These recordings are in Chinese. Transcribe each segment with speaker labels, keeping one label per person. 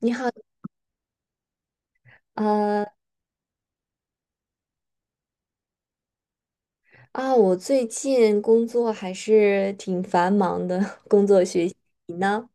Speaker 1: 你好，呃啊，我最近工作还是挺繁忙的，工作学习。你呢？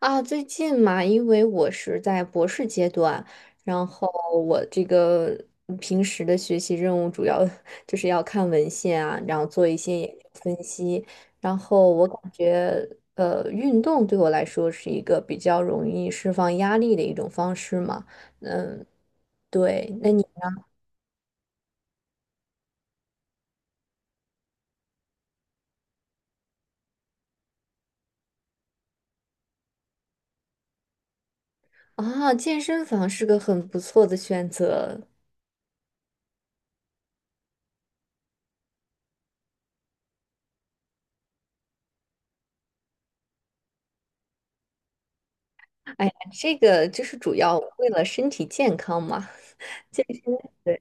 Speaker 1: 啊，最近嘛，因为我是在博士阶段，然后我这个平时的学习任务主要 就是要看文献啊，然后做一些研究分析，然后我感觉。运动对我来说是一个比较容易释放压力的一种方式嘛。嗯，对，那你？啊，健身房是个很不错的选择。哎呀，这个就是主要为了身体健康嘛，健身。对，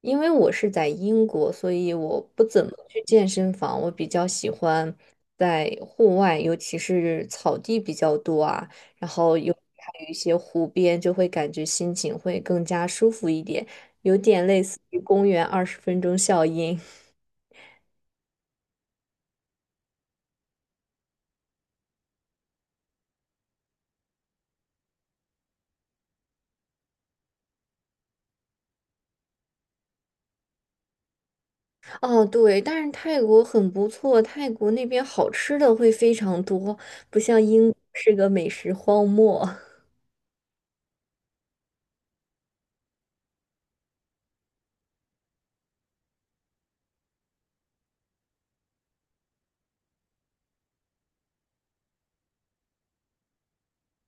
Speaker 1: 因为我是在英国，所以我不怎么去健身房，我比较喜欢在户外，尤其是草地比较多啊，然后还有一些湖边，就会感觉心情会更加舒服一点，有点类似于公园20分钟效应。哦，对，但是泰国很不错，泰国那边好吃的会非常多，不像英国是个美食荒漠。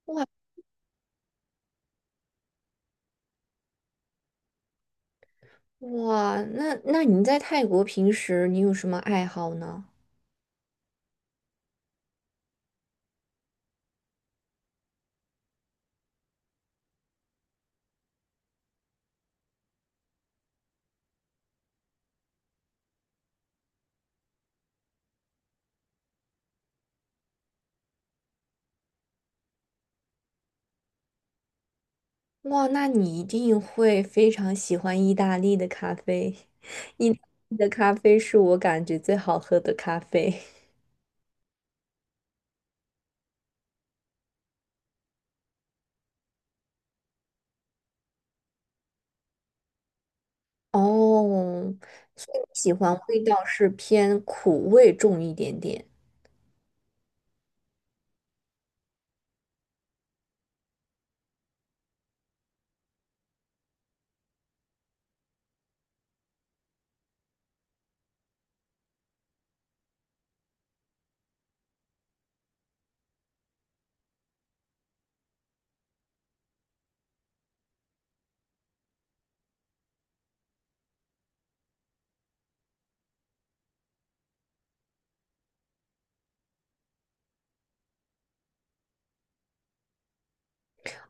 Speaker 1: 哇，那你在泰国平时你有什么爱好呢？哇，那你一定会非常喜欢意大利的咖啡，意大利的咖啡是我感觉最好喝的咖啡。哦，所以你喜欢味道是偏苦味重一点点。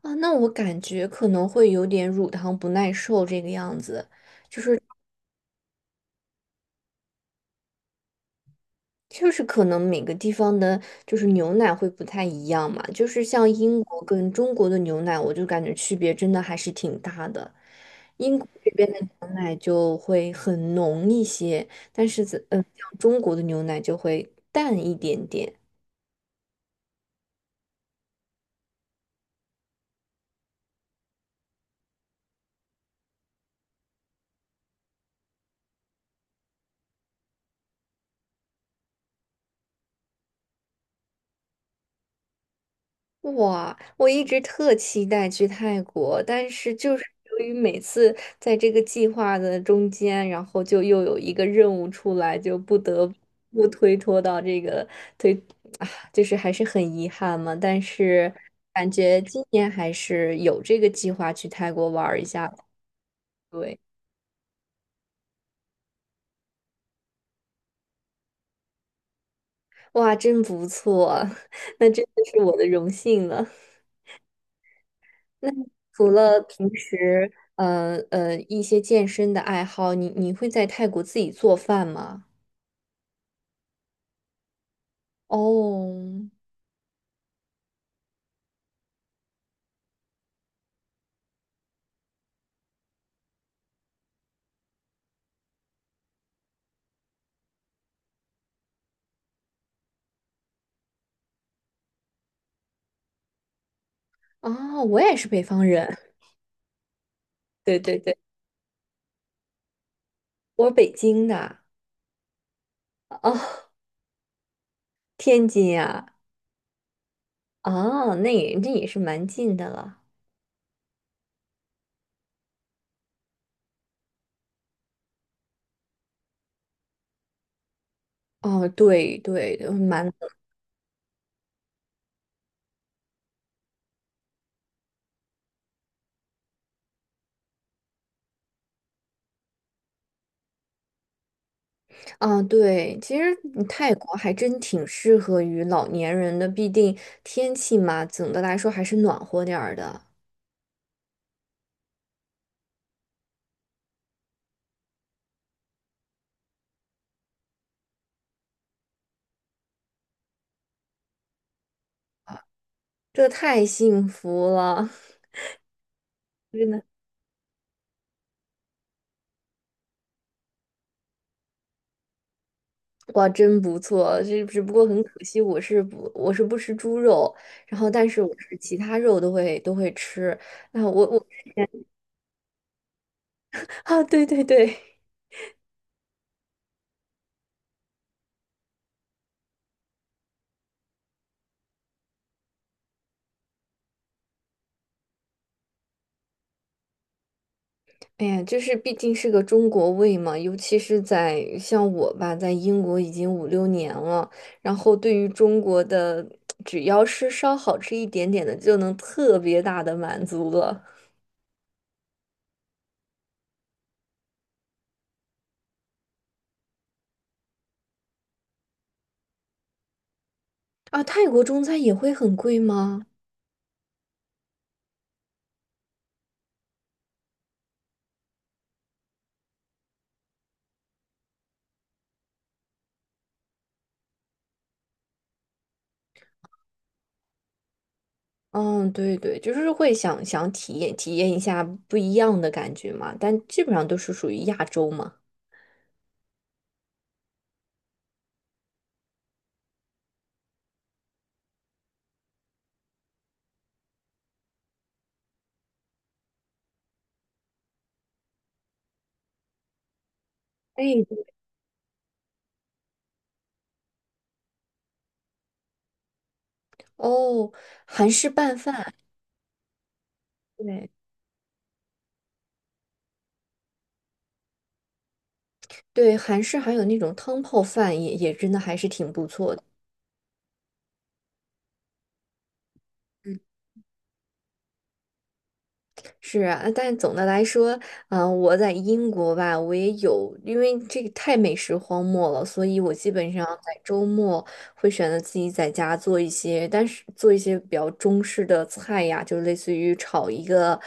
Speaker 1: 啊，那我感觉可能会有点乳糖不耐受这个样子，就是可能每个地方的，就是牛奶会不太一样嘛，就是像英国跟中国的牛奶，我就感觉区别真的还是挺大的。英国这边的牛奶就会很浓一些，但是在像中国的牛奶就会淡一点点。哇，我一直特期待去泰国，但是就是由于每次在这个计划的中间，然后就又有一个任务出来，就不得不推脱到这个推，啊，就是还是很遗憾嘛。但是感觉今年还是有这个计划去泰国玩儿一下。对，哇，真不错，那真的是我的荣幸了。那你除了平时一些健身的爱好，你会在泰国自己做饭吗？哦，啊，我也是北方人，对对对，我是北京的，哦，天津呀，啊，那也是蛮近的了。哦，对对，啊，对，其实泰国还真挺适合于老年人的，毕竟天气嘛，总的来说还是暖和点儿的，这太幸福了，真的。哇，真不错，这只不过很可惜，我是不吃猪肉，然后但是我是其他肉都会吃。啊，我啊，对对对，哎呀，就是毕竟是个中国胃嘛，尤其是在像我吧，在英国已经五六年了，然后对于中国的，只要是稍好吃一点点的，就能特别大的满足了。啊，泰国中餐也会很贵吗？嗯，对对，就是会想想体验体验一下不一样的感觉嘛，但基本上都是属于亚洲嘛。哎，哦，韩式拌饭，对对，韩式还有那种汤泡饭也真的还是挺不错的。是啊，但总的来说，我在英国吧，我也有，因为这个太美食荒漠了，所以我基本上在周末会选择自己在家做一些，但是做一些比较中式的菜呀，就类似于炒一个，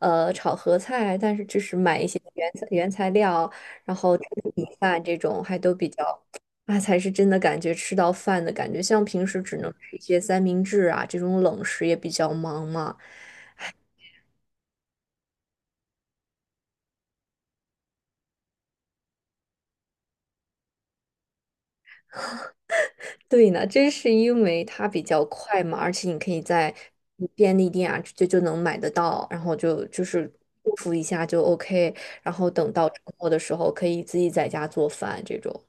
Speaker 1: 炒合菜，但是就是买一些原材料，然后吃米饭这种还都比较。那才是真的感觉吃到饭的感觉，像平时只能吃一些三明治啊，这种冷食也比较忙嘛。对呢，这是因为它比较快嘛，而且你可以在便利店啊就能买得到，然后就是祝福一下就 OK,然后等到周末的时候可以自己在家做饭这种。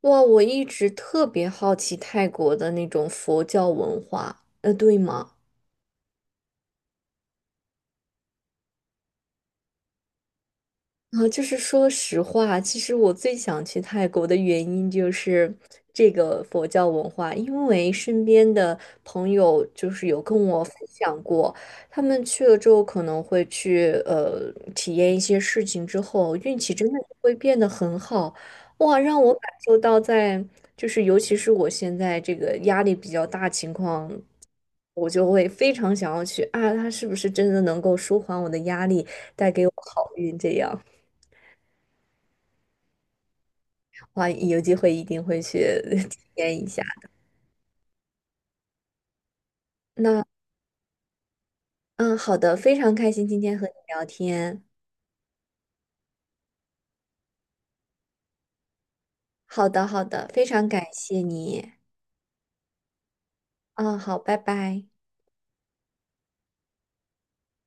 Speaker 1: 哇，我一直特别好奇泰国的那种佛教文化，对吗？啊，就是说实话，其实我最想去泰国的原因就是这个佛教文化，因为身边的朋友就是有跟我分享过，他们去了之后可能会去体验一些事情之后，运气真的会变得很好，哇，让我感受到在就是尤其是我现在这个压力比较大情况。我就会非常想要去啊，他是不是真的能够舒缓我的压力，带给我好运这样。哇，有机会一定会去 体验一下。那嗯，好的，非常开心今天和你聊天。好的，好的，非常感谢你。嗯，好，拜拜。